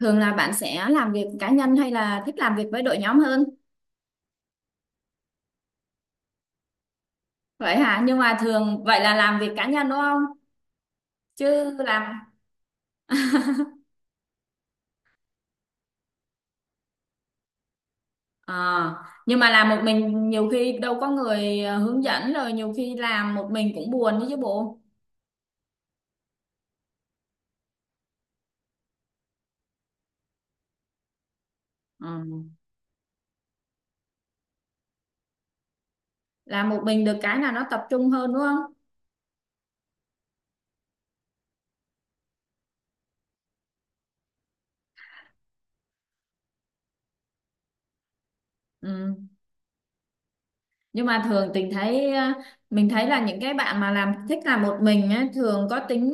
Thường là bạn sẽ làm việc cá nhân hay là thích làm việc với đội nhóm hơn? Vậy hả? Nhưng mà thường vậy là làm việc cá nhân đúng không? Chứ làm Ờ, nhưng mà làm một mình nhiều khi đâu có người hướng dẫn rồi nhiều khi làm một mình cũng buồn đấy chứ bộ. Ừ. Làm một mình được cái là nó tập trung hơn đúng không? Ừ. Nhưng mà thường tình thấy mình thấy là những cái bạn mà làm thích làm một mình á, thường có tính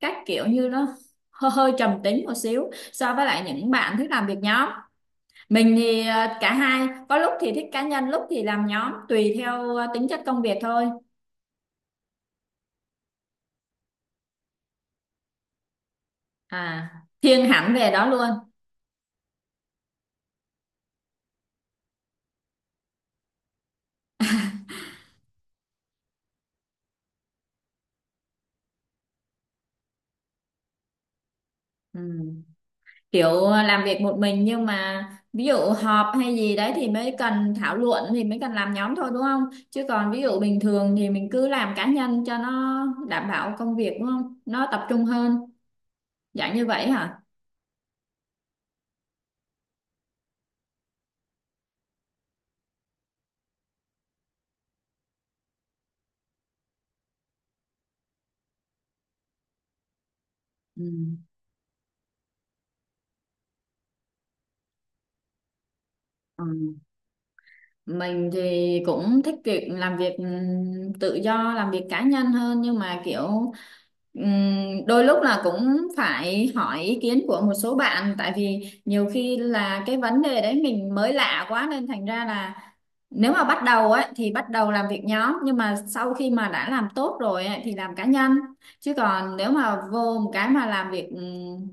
cách kiểu như nó hơi, hơi trầm tính một xíu so với lại những bạn thích làm việc nhóm. Mình thì cả hai, có lúc thì thích cá nhân, lúc thì làm nhóm, tùy theo tính chất công việc thôi. À, thiên hẳn về đó luôn. Ừ. Kiểu làm việc một mình nhưng mà ví dụ họp hay gì đấy thì mới cần thảo luận thì mới cần làm nhóm thôi đúng không? Chứ còn ví dụ bình thường thì mình cứ làm cá nhân cho nó đảm bảo công việc đúng không? Nó tập trung hơn, dạng như vậy hả? Ừ. Ừ. Mình thì cũng thích việc làm việc tự do, làm việc cá nhân hơn nhưng mà kiểu đôi lúc là cũng phải hỏi ý kiến của một số bạn tại vì nhiều khi là cái vấn đề đấy mình mới lạ quá nên thành ra là nếu mà bắt đầu ấy thì bắt đầu làm việc nhóm nhưng mà sau khi mà đã làm tốt rồi ấy, thì làm cá nhân chứ còn nếu mà vô một cái mà làm việc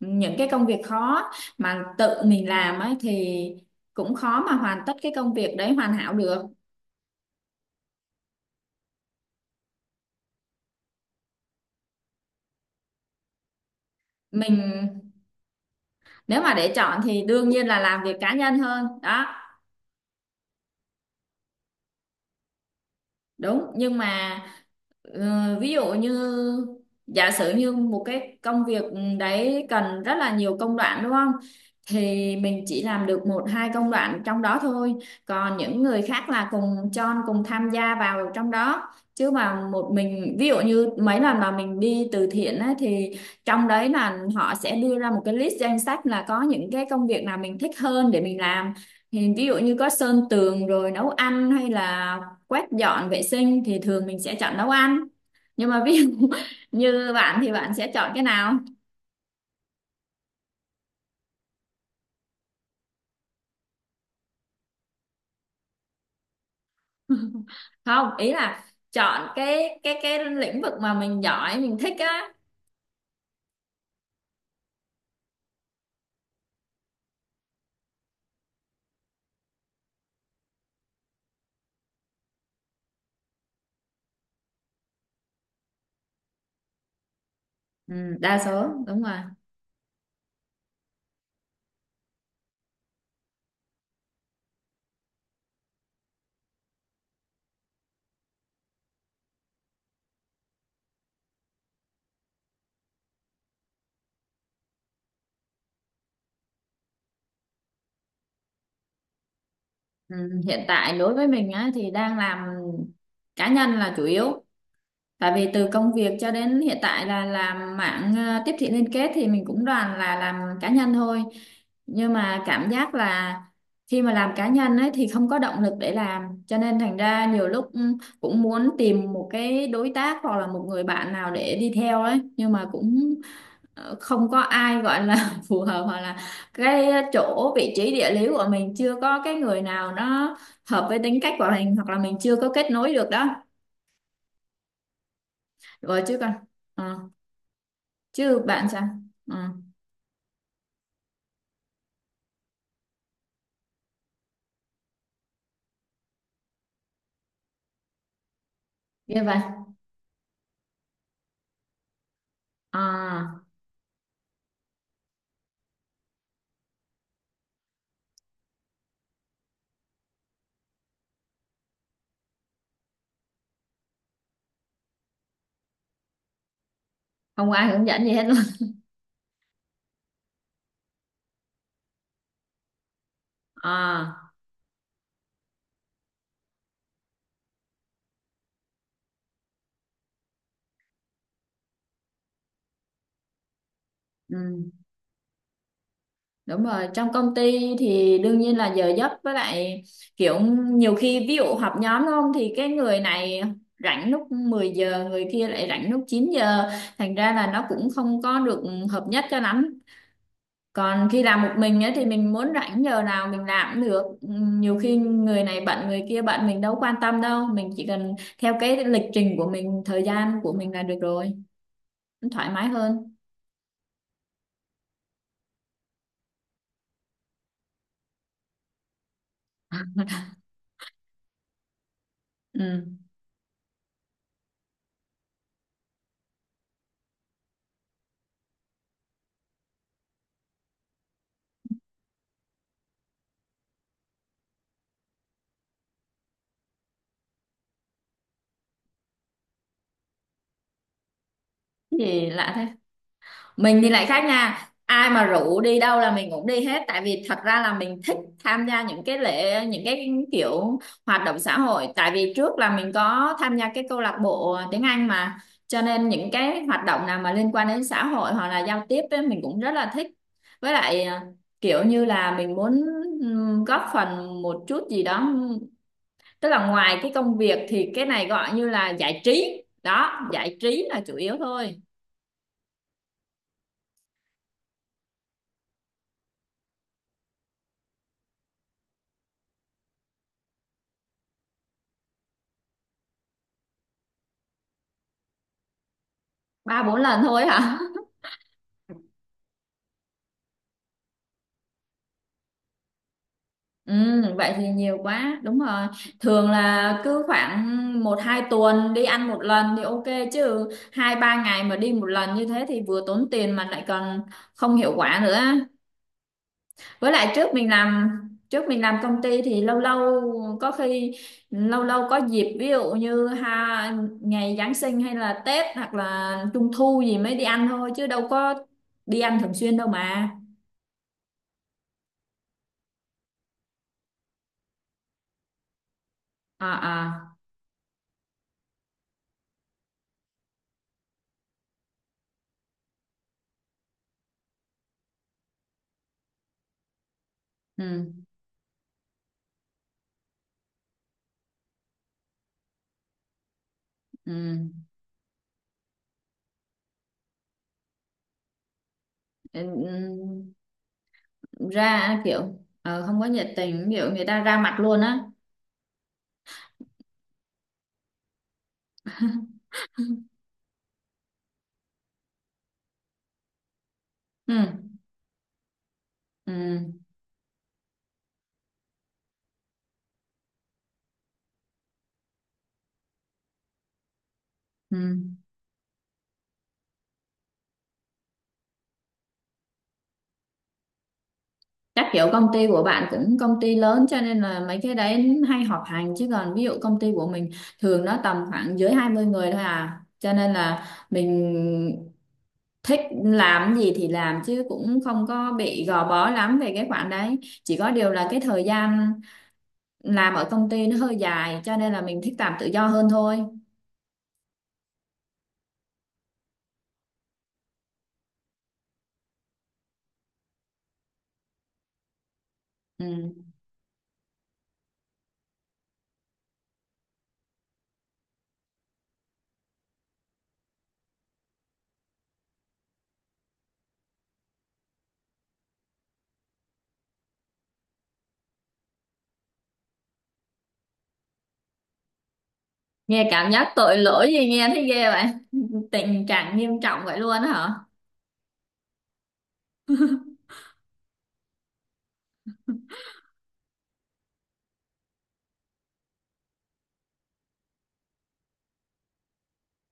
những cái công việc khó mà tự mình làm ấy thì cũng khó mà hoàn tất cái công việc đấy hoàn hảo được. Mình nếu mà để chọn thì đương nhiên là làm việc cá nhân hơn đó. Đúng nhưng mà Ờ, ví dụ như giả sử như một cái công việc đấy cần rất là nhiều công đoạn đúng không? Thì mình chỉ làm được một hai công đoạn trong đó thôi. Còn những người khác là cùng chon cùng tham gia vào trong đó. Chứ mà một mình ví dụ như mấy lần mà mình đi từ thiện á, thì trong đấy là họ sẽ đưa ra một cái list danh sách là có những cái công việc nào mình thích hơn để mình làm. Thì ví dụ như có sơn tường rồi nấu ăn hay là quét dọn vệ sinh thì thường mình sẽ chọn nấu ăn nhưng mà ví dụ như bạn thì bạn sẽ chọn cái nào? Không ý là chọn cái lĩnh vực mà mình giỏi mình thích á. Ừ, đa số đúng rồi. Ừ, hiện tại đối với mình á thì đang làm cá nhân là chủ yếu. Tại vì từ công việc cho đến hiện tại là làm mạng tiếp thị liên kết thì mình cũng đoàn là làm cá nhân thôi. Nhưng mà cảm giác là khi mà làm cá nhân ấy thì không có động lực để làm. Cho nên thành ra nhiều lúc cũng muốn tìm một cái đối tác hoặc là một người bạn nào để đi theo ấy. Nhưng mà cũng không có ai gọi là phù hợp hoặc là cái chỗ vị trí địa lý của mình chưa có cái người nào nó hợp với tính cách của mình hoặc là mình chưa có kết nối được đó. Rồi chứ còn. Ờ. Chứ bạn sao. Ừ. Như vậy à, không có ai hướng dẫn gì hết luôn à. Ừ. Đúng rồi, trong công ty thì đương nhiên là giờ giấc với lại kiểu nhiều khi ví dụ họp nhóm đúng không thì cái người này rảnh lúc 10 giờ người kia lại rảnh lúc 9 giờ, thành ra là nó cũng không có được hợp nhất cho lắm. Còn khi làm một mình ấy thì mình muốn rảnh giờ nào mình làm cũng được. Ừ, nhiều khi người này bận người kia bận mình đâu quan tâm đâu, mình chỉ cần theo cái lịch trình của mình thời gian của mình là được rồi, thoải mái hơn. Ừ. Cái gì lạ thế. Mình thì lại khác nha, ai mà rủ đi đâu là mình cũng đi hết tại vì thật ra là mình thích tham gia những cái lễ những cái kiểu hoạt động xã hội, tại vì trước là mình có tham gia cái câu lạc bộ tiếng Anh mà, cho nên những cái hoạt động nào mà liên quan đến xã hội hoặc là giao tiếp ấy, mình cũng rất là thích. Với lại kiểu như là mình muốn góp phần một chút gì đó, tức là ngoài cái công việc thì cái này gọi như là giải trí đó, giải trí là chủ yếu thôi. Ba bốn lần thôi hả? Ừ, vậy thì nhiều quá đúng rồi. Thường là cứ khoảng một hai tuần đi ăn một lần thì ok, chứ hai ba ngày mà đi một lần như thế thì vừa tốn tiền mà lại còn không hiệu quả nữa. Với lại trước mình làm, trước mình làm công ty thì lâu lâu có khi lâu lâu có dịp ví dụ như ha ngày Giáng sinh hay là Tết hoặc là Trung thu gì mới đi ăn thôi chứ đâu có đi ăn thường xuyên đâu mà. À à. Ừ. Ừ, ừ. Ừ. Ra kiểu không có nhiệt tình, ví dụ người ta ra mặt luôn á. Ừ. Ừ. Ừ. Chắc kiểu công ty của bạn cũng công ty lớn cho nên là mấy cái đấy hay họp hành, chứ còn ví dụ công ty của mình thường nó tầm khoảng dưới 20 người thôi à. Cho nên là mình thích làm gì thì làm chứ cũng không có bị gò bó lắm về cái khoản đấy. Chỉ có điều là cái thời gian làm ở công ty nó hơi dài cho nên là mình thích làm tự do hơn thôi. Ừ. Nghe cảm giác tội lỗi gì nghe thấy ghê vậy. Tình trạng nghiêm trọng vậy luôn á hả?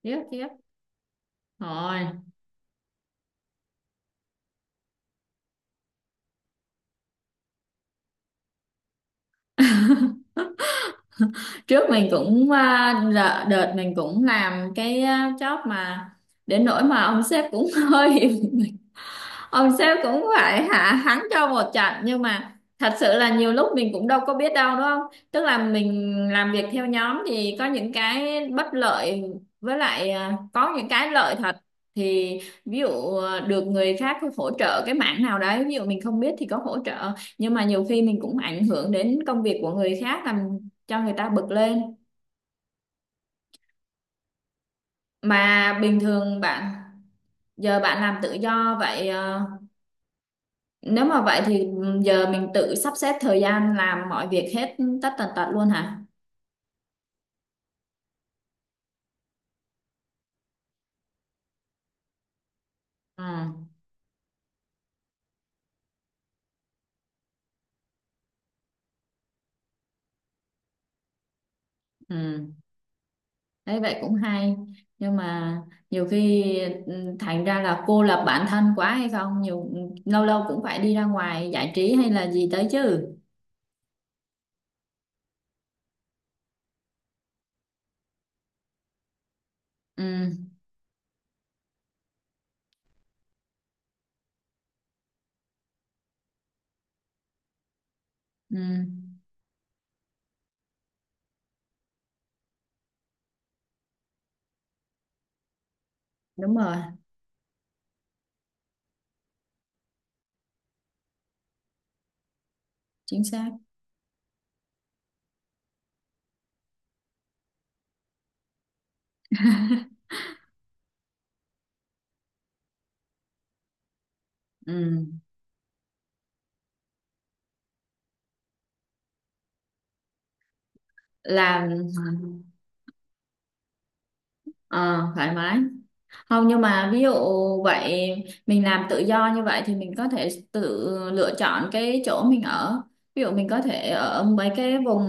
Tiếc tiếc. Rồi, trước mình cũng đợt mình cũng làm cái job mà đến nỗi mà ông sếp cũng hơi ông sếp cũng phải hạ hắn cho một trận, nhưng mà thật sự là nhiều lúc mình cũng đâu có biết đâu đúng không. Tức là mình làm việc theo nhóm thì có những cái bất lợi với lại có những cái lợi thật. Thì ví dụ được người khác hỗ trợ cái mảng nào đấy, ví dụ mình không biết thì có hỗ trợ, nhưng mà nhiều khi mình cũng ảnh hưởng đến công việc của người khác làm cho người ta bực lên. Mà bình thường bạn giờ bạn làm tự do vậy nếu mà vậy thì giờ mình tự sắp xếp thời gian làm mọi việc hết tất tần tật luôn hả? Ừ, ừ. Đấy vậy cũng hay. Nhưng mà nhiều khi thành ra là cô lập bản thân quá hay không? Nhiều lâu lâu cũng phải đi ra ngoài giải trí hay là gì tới chứ. Ừ, ừ. Đúng rồi, chính xác. Ừ. Làm ờ, thoải mái. Không nhưng mà ví dụ vậy mình làm tự do như vậy thì mình có thể tự lựa chọn cái chỗ mình ở. Ví dụ mình có thể ở mấy cái vùng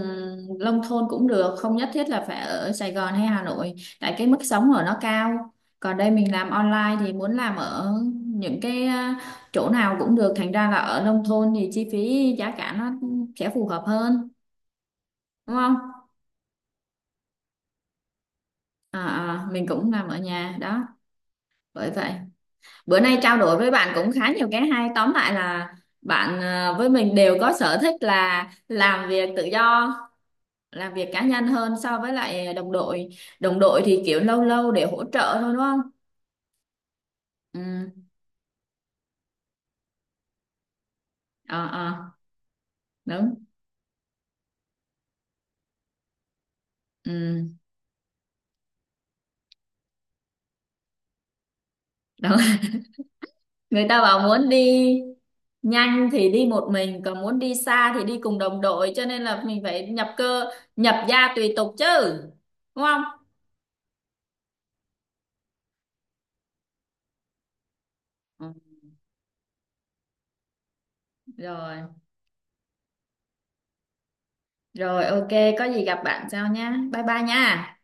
nông thôn cũng được, không nhất thiết là phải ở Sài Gòn hay Hà Nội, tại cái mức sống ở nó cao. Còn đây mình làm online thì muốn làm ở những cái chỗ nào cũng được, thành ra là ở nông thôn thì chi phí giá cả nó sẽ phù hợp hơn, đúng không? À, à, mình cũng làm ở nhà đó, bởi vậy. Bữa nay trao đổi với bạn cũng khá nhiều cái hay, tóm lại là bạn với mình đều có sở thích là làm việc tự do làm việc cá nhân hơn so với lại đồng đội. Đồng đội thì kiểu lâu lâu để hỗ trợ thôi đúng không. Ừ. Ờ. Ờ. Đúng. Ừ. Đúng. Người ta bảo muốn đi nhanh thì đi một mình còn muốn đi xa thì đi cùng đồng đội, cho nên là mình phải nhập cơ nhập gia tùy tục chứ, đúng không? Ừ, rồi. Rồi, ok, có gì gặp bạn sau nha, bye bye nha.